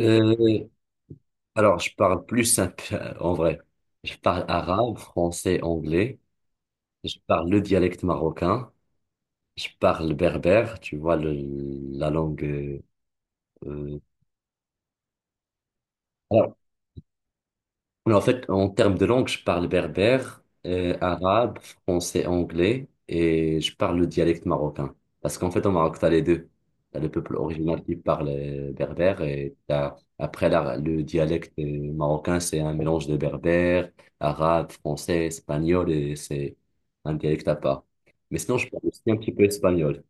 Euh, alors, je parle plus simple, en vrai. Je parle arabe, français, anglais. Je parle le dialecte marocain. Je parle berbère, tu vois, la langue. Euh, Mais en fait, en termes de langue, je parle berbère, arabe, français, anglais et je parle le dialecte marocain. Parce qu'en fait, au Maroc, t'as les deux. T'as le peuple original qui parle berbère, et t'as, après, le dialecte marocain. C'est un mélange de berbère, arabe, français, espagnol, et c'est un dialecte à part. Mais sinon, je parle aussi un petit peu espagnol.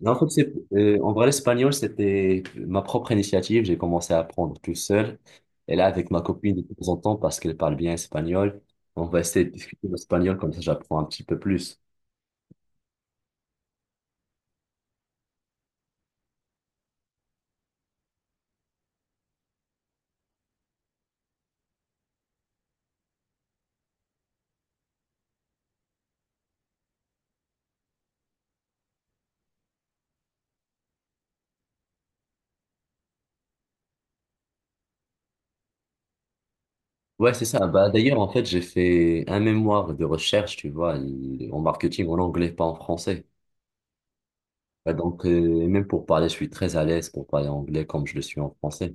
Non, en fait, en vrai, l'espagnol, c'était ma propre initiative. J'ai commencé à apprendre tout seul. Et là, avec ma copine, de temps en temps, parce qu'elle parle bien espagnol, on va essayer de discuter l'espagnol, comme ça, j'apprends un petit peu plus. Ouais, c'est ça. Bah, d'ailleurs, en fait, j'ai fait un mémoire de recherche, tu vois, en marketing, en anglais, pas en français. Bah, donc, même pour parler, je suis très à l'aise pour parler anglais comme je le suis en français.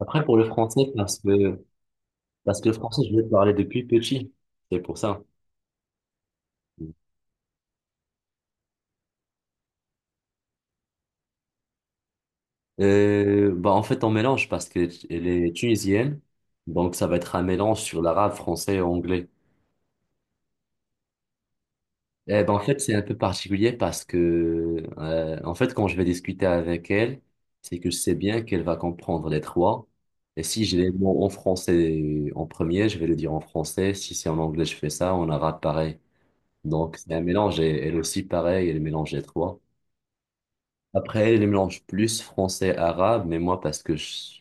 Après, pour le français, parce que le français, je l'ai parlé depuis petit. C'est pour ça. Bah en fait, on mélange parce qu'elle est tunisienne, donc ça va être un mélange sur l'arabe, français et anglais. Eh ben, en fait, c'est un peu particulier parce que, en fait, quand je vais discuter avec elle, c'est que je sais bien qu'elle va comprendre les trois. Et si j'ai les mots en français en premier, je vais le dire en français. Si c'est en anglais, je fais ça. En arabe, pareil. Donc, c'est un mélange. Et elle aussi, pareil, elle mélange les trois. Après, elle mélange plus français-arabe, mais moi,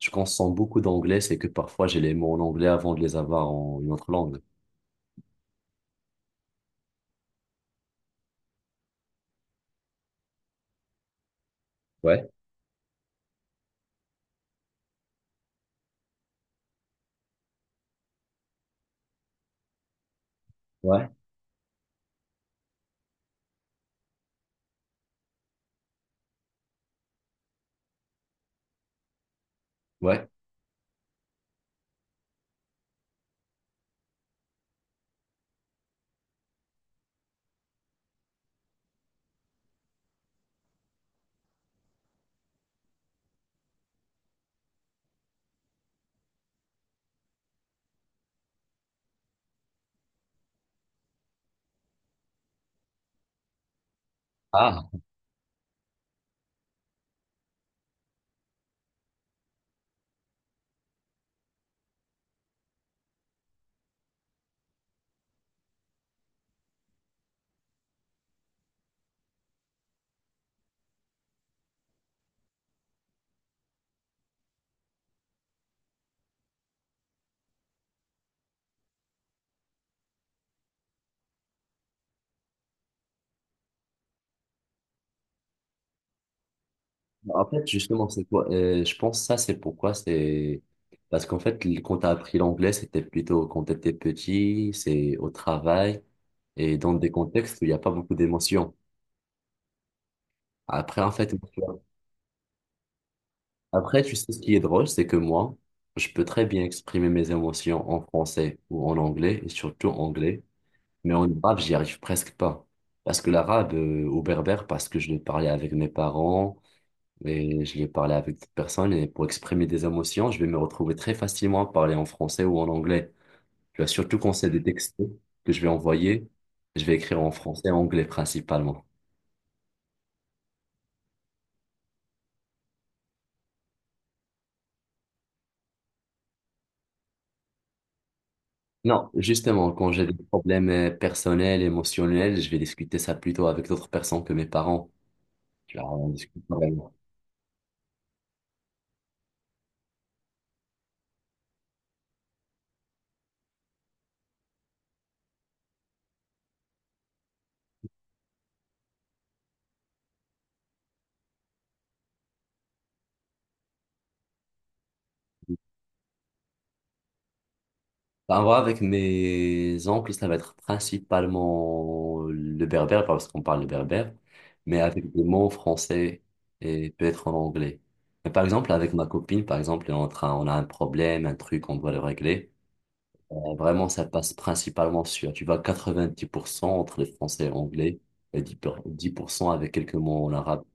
je consomme beaucoup d'anglais, c'est que parfois j'ai les mots en anglais avant de les avoir en une autre langue. Ouais, ouais, ouais. Ah, en fait, justement, c'est quoi? Je pense ça, c'est pourquoi c'est... Parce qu'en fait, quand t'as appris l'anglais, c'était plutôt quand t'étais petit, c'est au travail et dans des contextes où il n'y a pas beaucoup d'émotions. Après, en fait, après, tu sais ce qui est drôle, c'est que moi, je peux très bien exprimer mes émotions en français ou en anglais, et surtout anglais. Mais en arabe, j'y arrive presque pas. Parce que l'arabe, au berbère, parce que je l'ai parlé avec mes parents et je l'ai parlé avec d'autres personnes. Et pour exprimer des émotions, je vais me retrouver très facilement à parler en français ou en anglais. Tu vois, surtout quand c'est des textos que je vais envoyer, je vais écrire en français et anglais principalement. Non, justement, quand j'ai des problèmes personnels, émotionnels, je vais discuter ça plutôt avec d'autres personnes que mes parents. Tu vois, on discute. Bah, en vrai, avec mes oncles, ça va être principalement le berbère, parce qu'on parle le berbère, mais avec des mots français et peut-être en anglais. Mais par exemple, avec ma copine, par exemple, on est en train, on a un problème, un truc, on doit le régler. Vraiment, ça passe principalement sur, tu vois, 90% entre les français et anglais, et 10% avec quelques mots en arabe.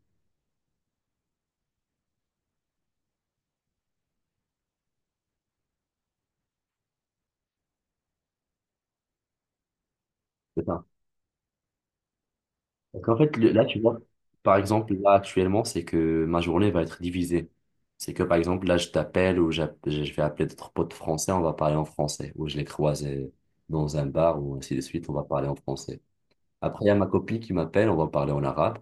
Donc en fait, là, tu vois, par exemple, là, actuellement, c'est que ma journée va être divisée. C'est que, par exemple, là, je t'appelle ou je vais appeler d'autres potes français, on va parler en français. Ou je les croise dans un bar ou ainsi de suite, on va parler en français. Après, il y a ma copine qui m'appelle, on va parler en arabe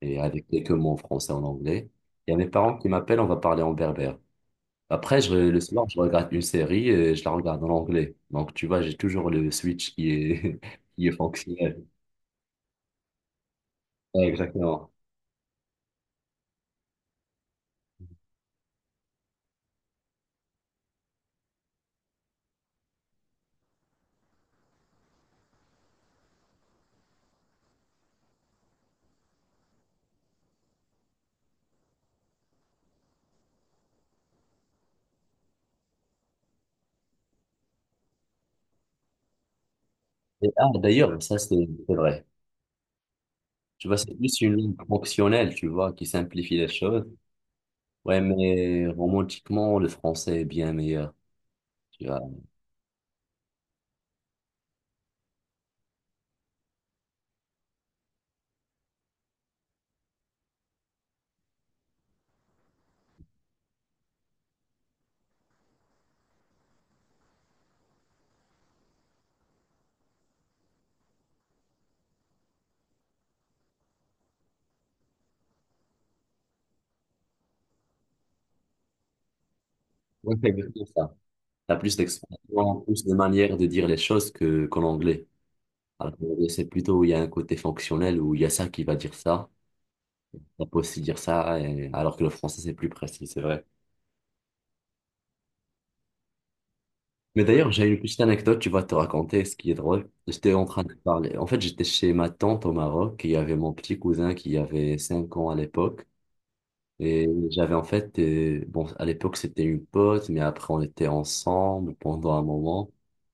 et avec quelques mots en français, en anglais. Il y a mes parents qui m'appellent, on va parler en berbère. Après, le soir, je regarde une série et je la regarde en anglais. Donc, tu vois, j'ai toujours le switch qui est, qui est fonctionnel. Ouais, exactement. Et, ah, d'ailleurs, ça, c'est vrai. Tu vois, c'est plus une langue fonctionnelle, tu vois, qui simplifie les choses. Ouais, mais romantiquement, le français est bien meilleur. Tu vois, ouais, c'est exactement ça. T'as plus d'expression, plus de manières de dire les choses que qu'en anglais. Alors, que l'anglais, c'est plutôt, où il y a un côté fonctionnel où il y a ça qui va dire ça. On peut aussi dire ça, alors que le français, c'est plus précis, c'est vrai. Mais d'ailleurs, j'ai une petite anecdote, tu vas te raconter ce qui est drôle. J'étais en train de parler. En fait, j'étais chez ma tante au Maroc, et il y avait mon petit cousin qui avait 5 ans à l'époque. Et j'avais en fait, bon, à l'époque, c'était une pote, mais après, on était ensemble pendant un moment.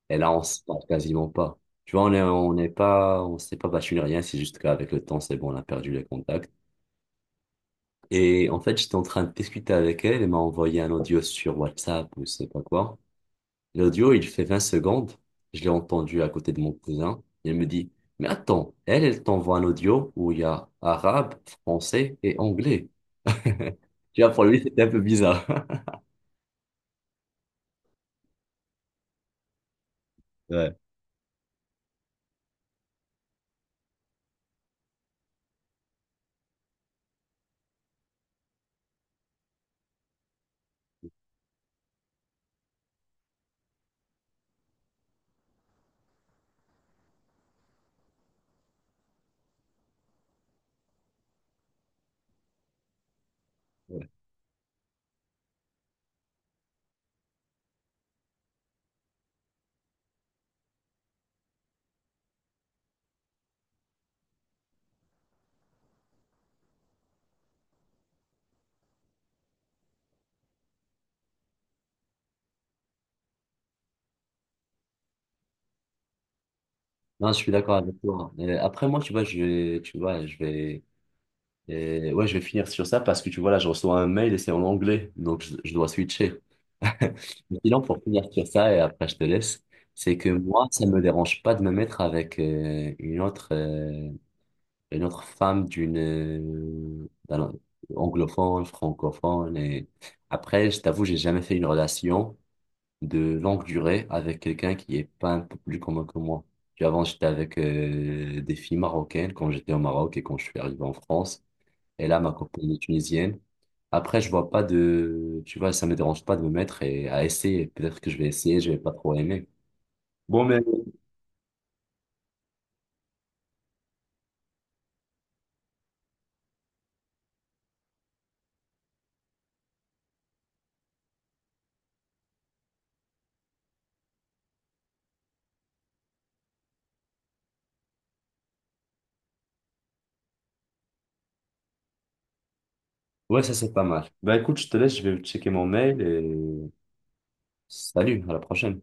Et là, on se parle quasiment pas. Tu vois, on n'est pas, on s'est pas battu ni rien, c'est juste qu'avec le temps, c'est bon, on a perdu les contacts. Et en fait, j'étais en train de discuter avec elle, elle m'a envoyé un audio sur WhatsApp ou je sais pas quoi. L'audio, il fait 20 secondes. Je l'ai entendu à côté de mon cousin. Il me dit, mais attends, elle, elle t'envoie un audio où il y a arabe, français et anglais. Tu vois, pour lui, c'était un peu bizarre. Ouais. Ouais. Non, je suis d'accord avec toi. Après, moi, tu vois, vais, tu vois, je vais, ouais, je vais finir sur ça parce que tu vois, là, je reçois un mail et c'est en anglais. Donc, je dois switcher. Mais sinon, pour finir sur ça, et après, je te laisse, c'est que moi, ça me dérange pas de me mettre avec une autre. Une autre femme d'une d'un anglophone, francophone. Et après, je t'avoue, j'ai jamais fait une relation de longue durée avec quelqu'un qui est pas un peu plus commun que moi. Puis avant, j'étais avec des filles marocaines quand j'étais au Maroc et quand je suis arrivé en France. Et là, ma copine est tunisienne. Après, je vois pas de, tu vois, ça me dérange pas de me mettre et à essayer. Peut-être que je vais essayer, je vais pas trop aimer. Bon, mais ouais, ça c'est pas mal. Bah écoute, je te laisse, je vais checker mon mail et salut, à la prochaine.